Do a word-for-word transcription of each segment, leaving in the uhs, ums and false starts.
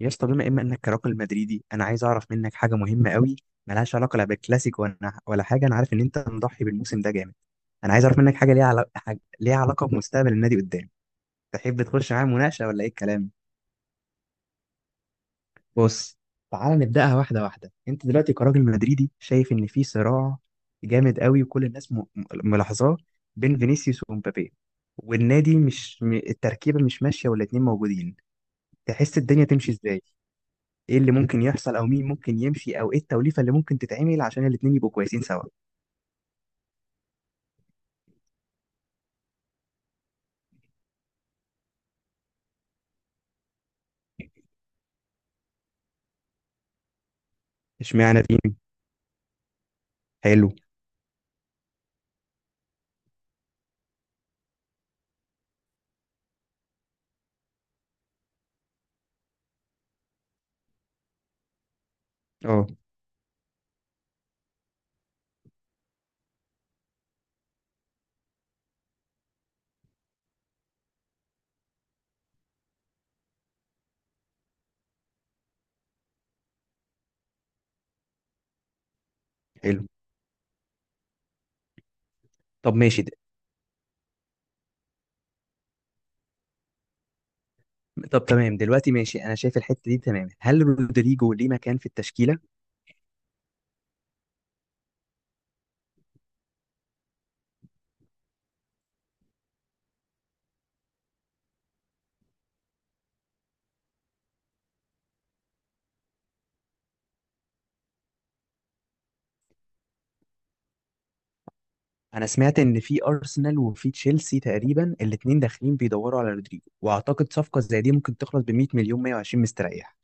يا اسطى بما إما إنك كراجل مدريدي، أنا عايز أعرف منك حاجة مهمة قوي ملهاش علاقة لا بالكلاسيكو ولا ولا حاجة. أنا عارف إن أنت مضحي بالموسم ده جامد. أنا عايز أعرف منك حاجة ليها علاقة، حاجة ليها علاقة بمستقبل النادي قدام. تحب تخش معايا مناقشة ولا إيه الكلام؟ بص، تعال نبدأها واحدة واحدة. أنت دلوقتي كراجل مدريدي شايف إن في صراع جامد قوي وكل الناس م- م- ملاحظاه بين فينيسيوس ومبابي، والنادي مش م- التركيبة مش ماشية والاتنين موجودين. تحس الدنيا تمشي إزاي؟ ايه اللي ممكن يحصل، او مين ممكن يمشي، او ايه التوليفه اللي ممكن تتعمل عشان الاتنين يبقوا كويسين سوا؟ اشمعنى تيمي. حلو. اه، حلو. طب ماشي ده. طب تمام دلوقتي، ماشي، انا شايف الحته دي تمام. هل رودريجو ليه مكان في التشكيله؟ انا سمعت ان في ارسنال وفي تشيلسي تقريبا الاتنين داخلين بيدوروا على رودريجو، واعتقد صفقه زي دي ممكن تخلص ب مية مليون، مئة وعشرين مستريح.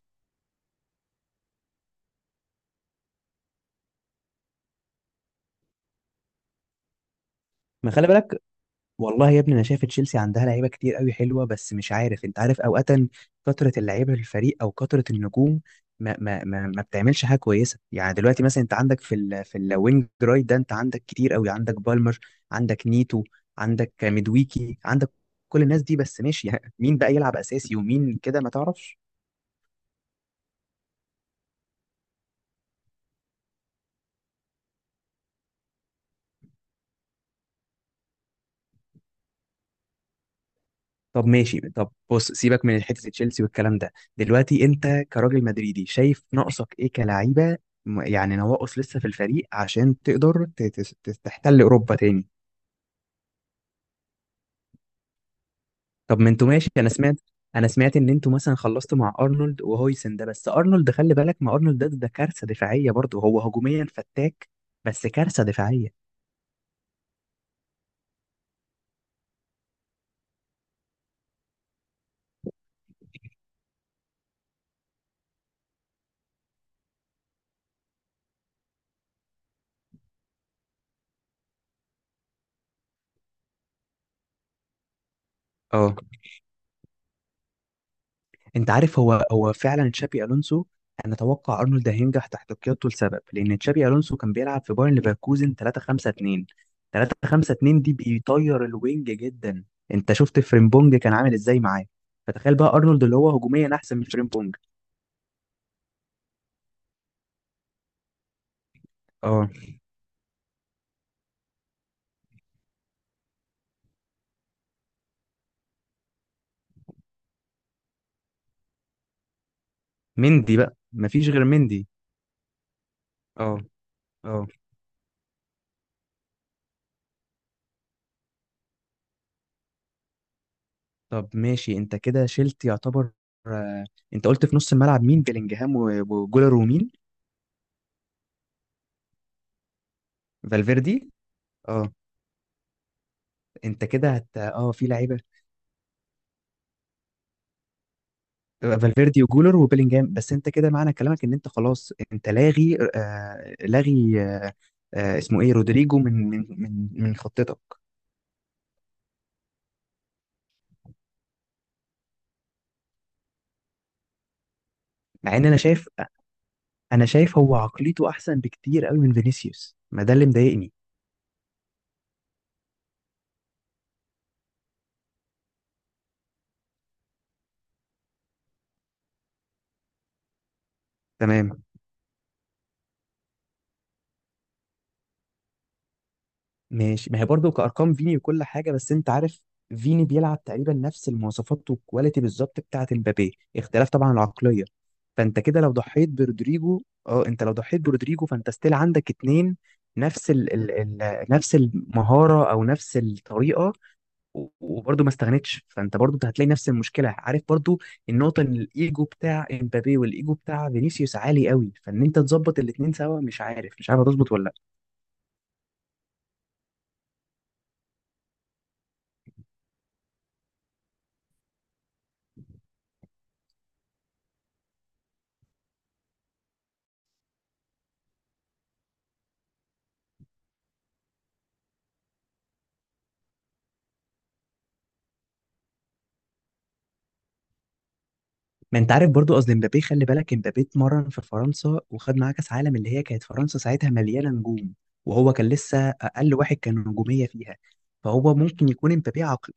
ما خلي بالك، والله يا ابني انا شايف تشيلسي عندها لعيبه كتير قوي حلوه، بس مش عارف، انت عارف اوقات كثره اللعيبه في الفريق او كثره النجوم ما ما ما, ما بتعملش حاجه كويسه. يعني دلوقتي مثلا انت عندك في ال في الوينج رايت ده انت عندك كتير قوي، عندك بالمر، عندك نيتو، عندك ميدويكي، عندك كل الناس دي. بس ماشي، يعني مين بقى يلعب اساسي ومين كده ما تعرفش. طب ماشي، طب بص، سيبك من حته تشيلسي والكلام ده. دلوقتي انت كراجل مدريدي شايف ناقصك ايه كلعيبه، م- يعني نواقص لسه في الفريق عشان تقدر ت- ت- ت- تحتل اوروبا تاني؟ طب ما انتوا ماشي، انا سمعت انا سمعت ان انتوا مثلا خلصتوا مع ارنولد وهويسن ده، بس ارنولد خلي بالك، ما ارنولد ده ده كارثه دفاعيه برضه، هو هجوميا فتاك بس كارثه دفاعيه. اه، انت عارف، هو هو فعلا تشابي الونسو، انا اتوقع ارنولد هينجح تحت قيادته لسبب لان تشابي الونسو كان بيلعب في بايرن ليفركوزن ثلاثة خمسة اثنين. ثلاثة خمسة اتنين دي بيطير الوينج جدا. انت شفت فريمبونج كان عامل ازاي معاه؟ فتخيل بقى ارنولد اللي هو هجوميا احسن من فريمبونج. اه. مندي بقى، مفيش غير مندي. اه. اه، طب ماشي، انت كده شلت يعتبر. آه، انت قلت في نص الملعب مين؟ بيلينجهام و- وجولر ومين؟ فالفيردي. اه. انت كده هت اه في لعيبه فالفيردي وجولر وبيلينجهام. بس انت كده معنى كلامك ان انت خلاص انت لاغي، آه لاغي، آه آه، اسمه ايه، رودريجو، من من من من خطتك. مع ان انا شايف، انا شايف هو عقليته احسن بكتير قوي من فينيسيوس، ما ده اللي مضايقني. تمام. ماشي، ما هي برضه كأرقام فيني وكل حاجة، بس أنت عارف فيني بيلعب تقريبا نفس المواصفات والكواليتي بالظبط بتاعة امبابي، اختلاف طبعا العقلية. فأنت كده لو ضحيت برودريجو، أه، أنت لو ضحيت برودريجو فأنت ستيل عندك اتنين نفس ال ال ال نفس المهارة أو نفس الطريقة، و- وبرضه ما استغنتش، فأنت برضه هتلاقي نفس المشكلة، عارف؟ برضه النقطة إن الإيجو بتاع امبابي والإيجو بتاع فينيسيوس عالي قوي، فإن أنت تظبط الاتنين سوا مش عارف، مش عارف هتظبط ولا لأ. ما انت عارف برضو، قصدي مبابي، خلي بالك مبابي اتمرن في فرنسا وخد معاه كاس عالم، اللي هي كانت فرنسا ساعتها مليانه نجوم وهو كان لسه اقل واحد كان نجوميه فيها، فهو ممكن يكون مبابي عقل.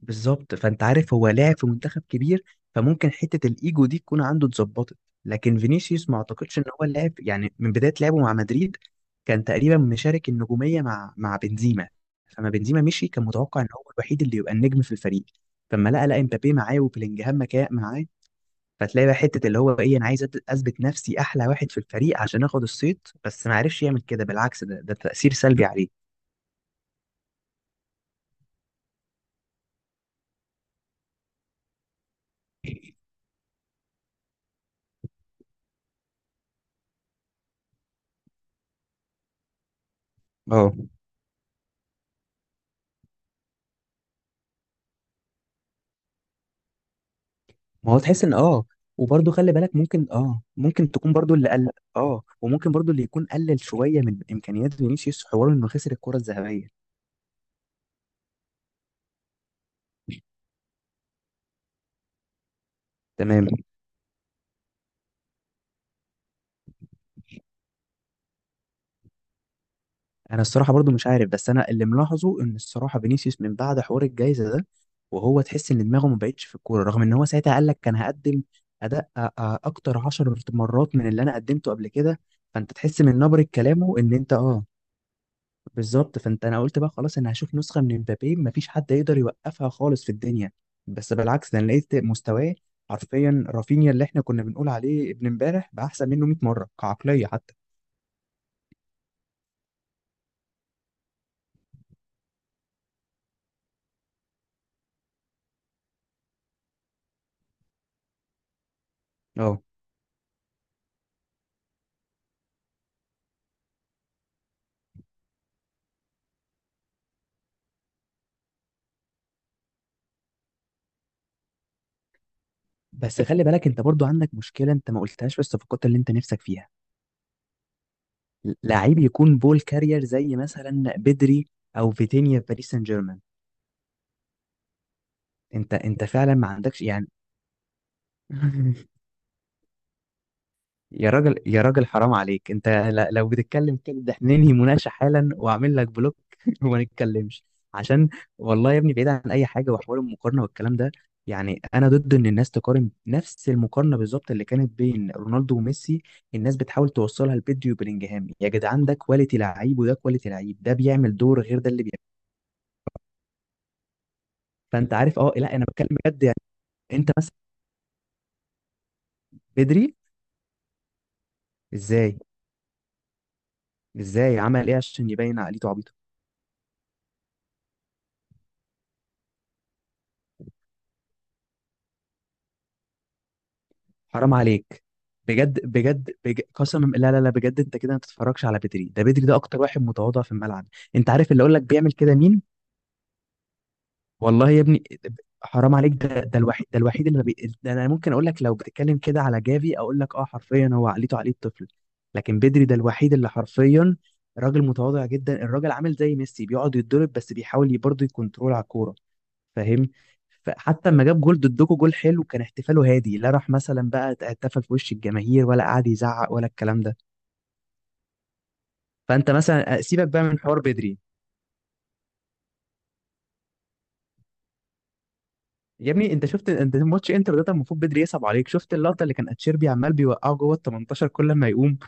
بالظبط، فانت عارف هو لاعب في منتخب كبير، فممكن حته الايجو دي تكون عنده اتظبطت. لكن فينيسيوس ما اعتقدش ان هو لاعب، يعني من بدايه لعبه مع مدريد كان تقريبا مشارك النجوميه مع مع بنزيما. فما بنزيما مشي كان متوقع ان هو الوحيد اللي يبقى النجم في الفريق، فما لقى، لقى مبابي معاه وبلينجهام مكا- معاه. فتلاقي بقى حته اللي هو ايه، انا عايز أت- اثبت نفسي احلى واحد في الفريق عشان اخد الصيت، بس ما عرفش يعمل كده، بالعكس ده ده تاثير سلبي عليه. اه. ما هو تحس ان اه، وبرضه خلي بالك ممكن اه ممكن تكون برضه اللي قل. اه، وممكن برضه اللي يكون قلل شويه من امكانيات فينيسيوس حوار انه خسر الكره الذهبيه. تمام. انا الصراحه برضو مش عارف، بس انا اللي ملاحظه ان الصراحه فينيسيوس من بعد حوار الجائزه ده، وهو تحس ان دماغه ما بقتش في الكوره، رغم ان هو ساعتها قال لك كان هقدم اداء أ- أ- اكتر عشر مرات من اللي انا قدمته قبل كده، فانت تحس من نبره كلامه ان انت اه. بالظبط، فانت، انا قلت بقى خلاص انا هشوف نسخه من مبابي ما فيش حد يقدر يوقفها خالص في الدنيا، بس بالعكس ده انا لقيت مستواه حرفيا رافينيا اللي احنا كنا بنقول عليه ابن امبارح بقى احسن منه مئة مره كعقليه حتى. اه، بس خلي بالك، انت برضو عندك مشكله انت ما قلتهاش في الصفقات اللي انت نفسك فيها، لعيب يكون بول كارير زي مثلا بدري او فيتينيا في باريس سان جيرمان، انت انت فعلا ما عندكش يعني. يا راجل يا راجل حرام عليك، انت ل- لو بتتكلم كده ده احنا ننهي مناقشه حالا واعمل لك بلوك وما نتكلمش عشان، والله يا ابني بعيد عن اي حاجه وحوار المقارنه والكلام ده، يعني انا ضد ان الناس تقارن نفس المقارنه بالظبط اللي كانت بين رونالدو وميسي. الناس بتحاول توصلها لبيدري وبلينجهام، يا جدعان ده كواليتي لعيب وده كواليتي لعيب، ده بيعمل دور غير ده اللي بيعمل. فانت عارف اه، لا انا بتكلم بجد يعني. انت مثلا بيدري ازاي؟ ازاي عمل ايه عشان يبين عقليته عبيطه؟ حرام عليك. بجد بجد, بجد قسما، لا لا لا بجد انت كده ما تتفرجش على بدري، ده بدري ده اكتر واحد متواضع في الملعب. انت عارف اللي اقول لك بيعمل كده مين؟ والله يا ابني حرام عليك، ده ده الوحيد، ده الوحيد اللي ما بي... ده انا ممكن اقول لك لو بتتكلم كده على جافي اقول لك اه حرفيا هو عقليته عقلية طفل، لكن بدري ده الوحيد اللي حرفيا راجل متواضع جدا. الراجل عامل زي ميسي بيقعد يتضرب بس بيحاول برضه يكنترول على الكوره، فاهم؟ فحتى لما جاب جول ضدكوا، جول حلو، كان احتفاله هادي، لا راح مثلا بقى احتفل في وش الجماهير ولا قعد يزعق ولا الكلام ده. فانت مثلا سيبك بقى من حوار بدري، يا ابني انت شفت، انت ماتش انتر ده كان المفروض بدري يصعب عليك، شفت اللقطه اللي كان اتشيربي عمال بيوقعه جوه ال تمنتاشر كل ما يقوم؟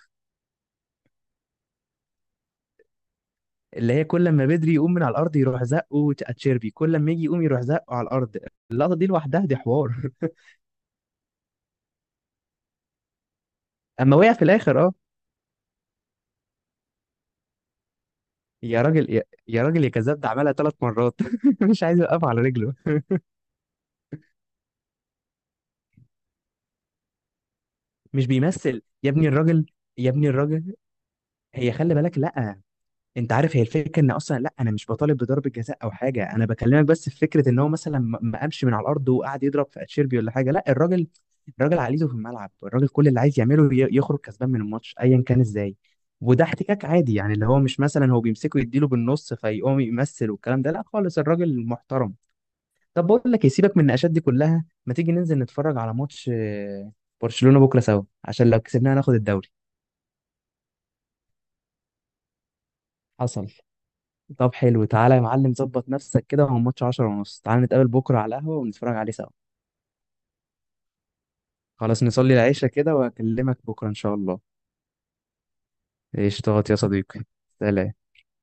اللي هي كل ما بدري يقوم من على الارض يروح زقه اتشيربي، كل ما يجي يقوم يروح زقه على الارض. اللقطه دي لوحدها دي حوار. اما وقع في الاخر اه. يا راجل يا, يا راجل يا كذاب، ده عملها ثلاث مرات مش عايز يوقف على رجله. مش بيمثل يا ابني الراجل، يا ابني الراجل هي خلي بالك، لا، انت عارف هي الفكره ان اصلا، لا انا مش بطالب بضرب جزاء او حاجه، انا بكلمك بس في فكره ان هو مثلا ما ما قامش من على الارض وقعد يضرب في اتشيربي ولا حاجه، لا الراجل، الراجل عقليته في الملعب، الراجل كل اللي عايز يعمله ي- يخرج كسبان من الماتش ايا كان ازاي. وده احتكاك عادي يعني، اللي هو مش مثلا هو بيمسكه يديله بالنص فيقوم يمثل والكلام ده، لا خالص، الراجل محترم. طب بقول لك إيه، سيبك من النقاشات دي كلها، ما تيجي ننزل نتفرج على ماتش آه، برشلونة بكرة سوا؟ عشان لو كسبناها ناخد الدوري. حصل. طب حلو، تعالى يا معلم ظبط نفسك كده، هو الماتش عشرة ونص، تعالى نتقابل بكرة على القهوة ونتفرج عليه سوا. خلاص، نصلي العشاء كده وأكلمك بكرة إن شاء الله. قشطات يا صديقي، سلام.